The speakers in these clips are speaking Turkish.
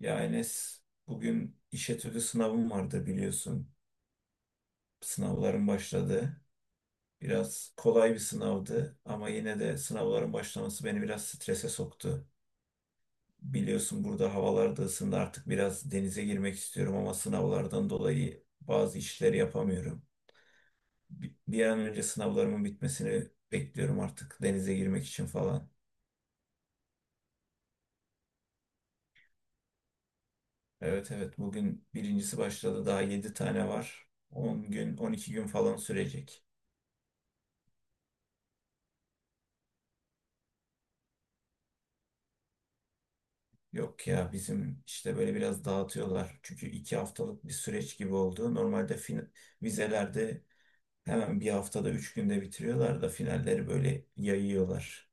Ya Enes, bugün iş etüdü sınavım vardı biliyorsun. Sınavların başladı. Biraz kolay bir sınavdı ama yine de sınavların başlaması beni biraz strese soktu. Biliyorsun burada havalar da ısındı artık biraz denize girmek istiyorum ama sınavlardan dolayı bazı işleri yapamıyorum. Bir an önce sınavlarımın bitmesini bekliyorum artık denize girmek için falan. Evet evet, bugün birincisi başladı, daha 7 tane var. 10 gün 12 gün falan sürecek. Yok ya, bizim işte böyle biraz dağıtıyorlar. Çünkü 2 haftalık bir süreç gibi oldu. Normalde vizelerde hemen bir haftada 3 günde bitiriyorlar da finalleri böyle yayıyorlar.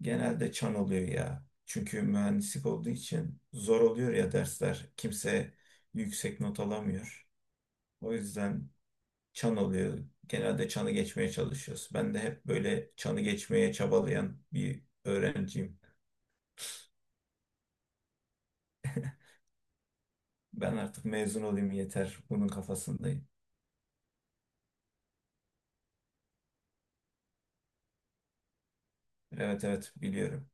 Genelde çan oluyor ya. Çünkü mühendislik olduğu için zor oluyor ya dersler. Kimse yüksek not alamıyor. O yüzden çan oluyor. Genelde çanı geçmeye çalışıyoruz. Ben de hep böyle çanı geçmeye çabalayan bir öğrenciyim. Ben artık mezun olayım yeter. Bunun kafasındayım. Evet evet, biliyorum.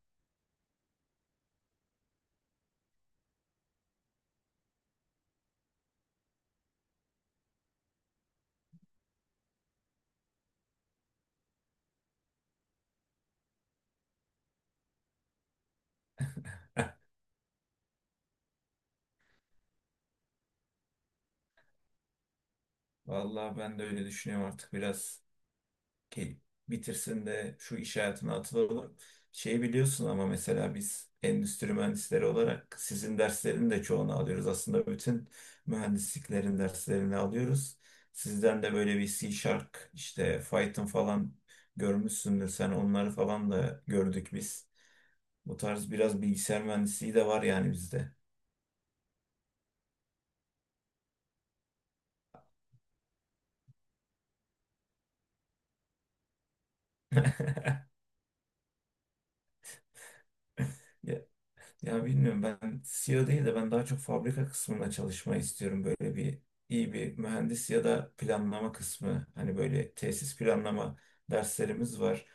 Vallahi ben de öyle düşünüyorum artık biraz ke- bitirsin de şu iş hayatına atılalım. Şeyi biliyorsun ama mesela biz endüstri mühendisleri olarak sizin derslerin de çoğunu alıyoruz. Aslında bütün mühendisliklerin derslerini alıyoruz. Sizden de böyle bir C Sharp işte Python falan görmüşsündür, sen onları falan da gördük biz. Bu tarz biraz bilgisayar mühendisliği de var yani bizde. Ya bilmiyorum, ben CEO değil de ben daha çok fabrika kısmında çalışmayı istiyorum. Böyle bir iyi bir mühendis ya da planlama kısmı. Hani böyle tesis planlama derslerimiz var.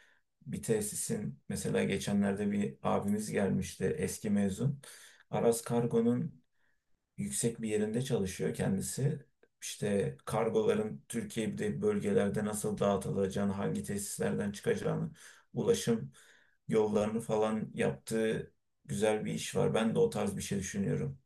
Bir tesisin mesela, geçenlerde bir abimiz gelmişti, eski mezun. Aras Kargo'nun yüksek bir yerinde çalışıyor kendisi. İşte kargoların Türkiye'de bölgelerde nasıl dağıtılacağını, hangi tesislerden çıkacağını, ulaşım yollarını falan yaptığı güzel bir iş var. Ben de o tarz bir şey düşünüyorum.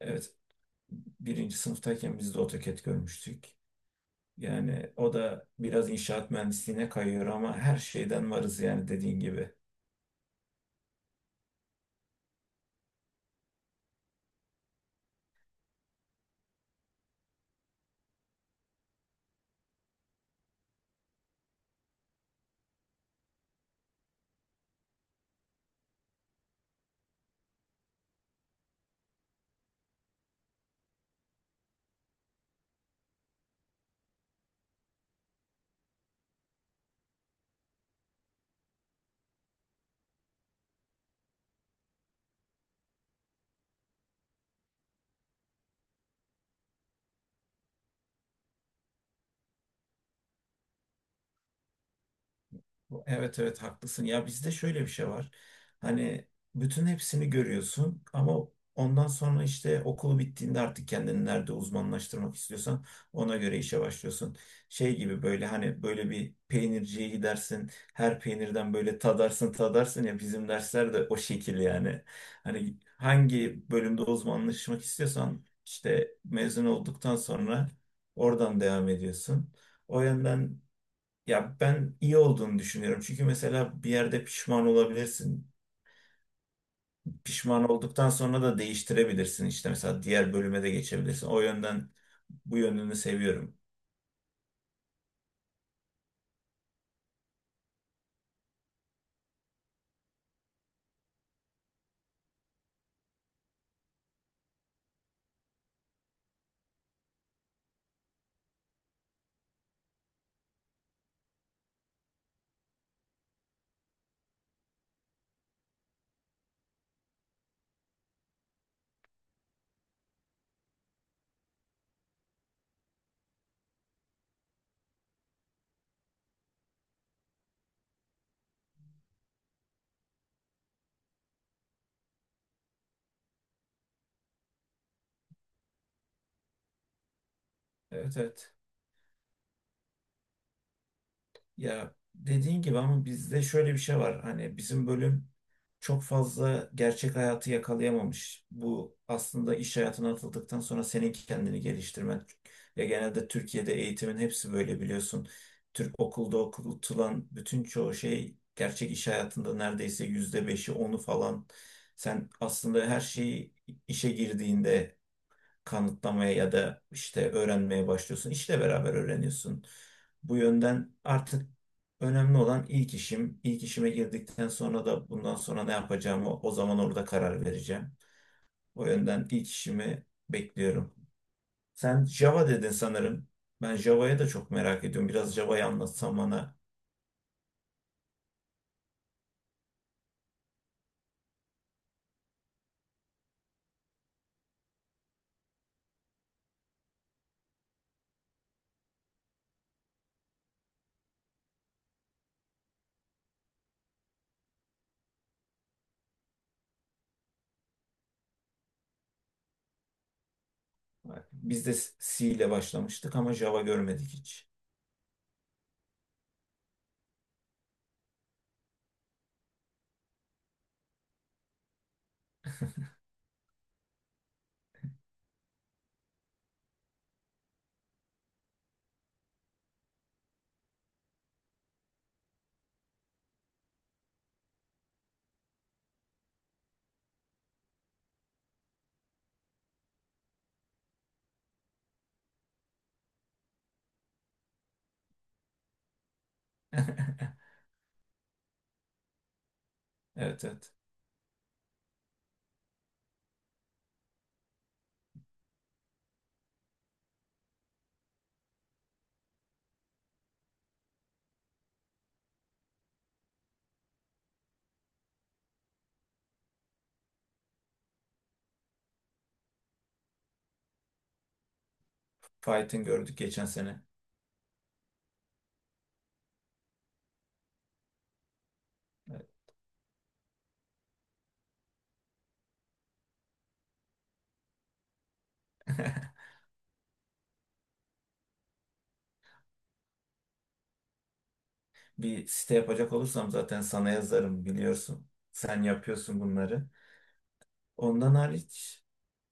Evet, birinci sınıftayken biz de AutoCAD görmüştük. Yani o da biraz inşaat mühendisliğine kayıyor ama her şeyden varız yani, dediğin gibi. Evet evet, haklısın. Ya bizde şöyle bir şey var. Hani bütün hepsini görüyorsun ama ondan sonra işte okul bittiğinde artık kendini nerede uzmanlaştırmak istiyorsan ona göre işe başlıyorsun. Şey gibi, böyle hani böyle bir peynirciye gidersin. Her peynirden böyle tadarsın tadarsın ya, bizim dersler de o şekil yani. Hani hangi bölümde uzmanlaşmak istiyorsan, işte mezun olduktan sonra oradan devam ediyorsun. O yönden ya, ben iyi olduğunu düşünüyorum. Çünkü mesela bir yerde pişman olabilirsin. Pişman olduktan sonra da değiştirebilirsin. İşte mesela diğer bölüme de geçebilirsin. O yönden bu yönünü seviyorum. Evet evet. Ya dediğin gibi ama bizde şöyle bir şey var. Hani bizim bölüm çok fazla gerçek hayatı yakalayamamış. Bu aslında iş hayatına atıldıktan sonra senin kendini geliştirmen. Ve genelde Türkiye'de eğitimin hepsi böyle, biliyorsun. Türk okulda okutulan bütün çoğu şey gerçek iş hayatında neredeyse %5'i onu falan. Sen aslında her şeyi işe girdiğinde kanıtlamaya ya da işte öğrenmeye başlıyorsun. İşle beraber öğreniyorsun. Bu yönden artık önemli olan ilk işim. İlk işime girdikten sonra da bundan sonra ne yapacağımı o zaman orada karar vereceğim. O yönden ilk işimi bekliyorum. Sen Java dedin sanırım. Ben Java'ya da çok merak ediyorum. Biraz Java'yı anlatsan bana. Biz de C ile başlamıştık ama Java görmedik hiç. Evet evet. Python gördük geçen sene. Bir site yapacak olursam zaten sana yazarım, biliyorsun. Sen yapıyorsun bunları. Ondan hariç,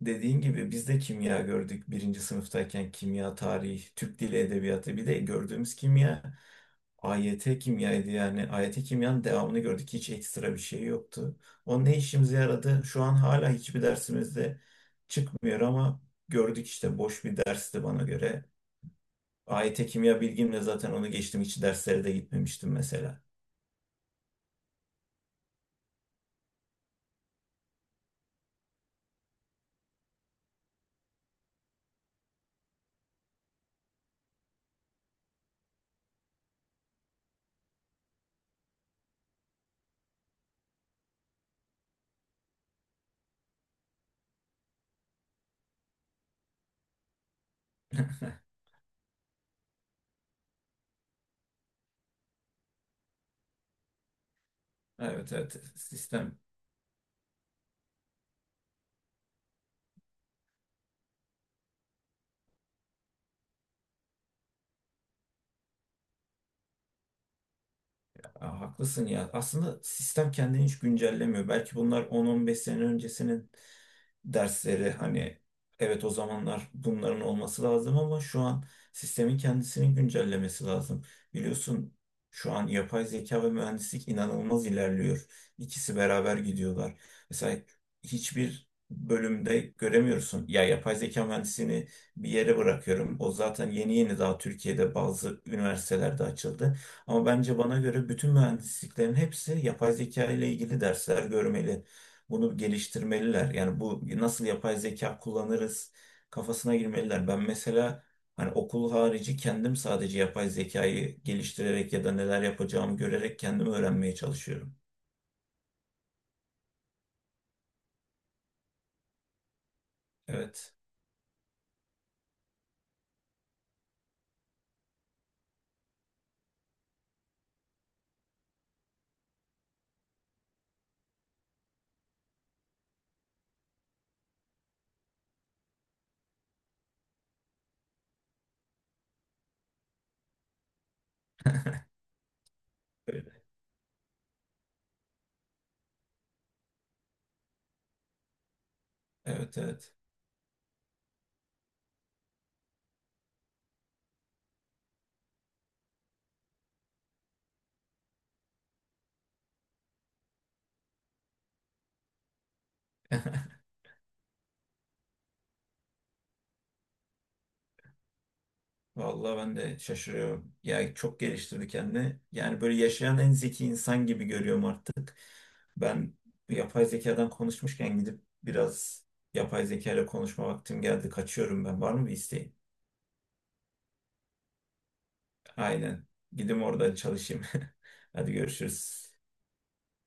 dediğin gibi biz de kimya gördük birinci sınıftayken. Kimya, tarih, Türk dili edebiyatı, bir de gördüğümüz kimya AYT kimyaydı yani. AYT kimyanın devamını gördük. Hiç ekstra bir şey yoktu. O ne işimize yaradı? Şu an hala hiçbir dersimizde çıkmıyor ama gördük işte, boş bir dersti bana göre. AYT kimya bilgimle zaten onu geçtim. Hiç derslere de gitmemiştim mesela. Evet evet, sistem. Ya, haklısın ya. Aslında sistem kendini hiç güncellemiyor. Belki bunlar 10-15 sene öncesinin dersleri. Hani evet, o zamanlar bunların olması lazım ama şu an sistemin kendisinin güncellemesi lazım. Biliyorsun şu an yapay zeka ve mühendislik inanılmaz ilerliyor. İkisi beraber gidiyorlar. Mesela hiçbir bölümde göremiyorsun. Ya yapay zeka mühendisliğini bir yere bırakıyorum. O zaten yeni yeni, daha Türkiye'de bazı üniversitelerde açıldı. Ama bence, bana göre bütün mühendisliklerin hepsi yapay zeka ile ilgili dersler görmeli. Bunu geliştirmeliler. Yani bu nasıl yapay zeka kullanırız kafasına girmeliler. Ben mesela hani okul harici kendim sadece yapay zekayı geliştirerek ya da neler yapacağımı görerek kendim öğrenmeye çalışıyorum. Evet, evet, evet. Vallahi ben de şaşırıyorum. Yani çok geliştirdi kendini. Yani böyle yaşayan en zeki insan gibi görüyorum artık. Ben bu yapay zekadan konuşmuşken gidip biraz yapay zeka ile konuşma vaktim geldi. Kaçıyorum ben. Var mı bir isteğin? Aynen. Gidim orada çalışayım. Hadi görüşürüz.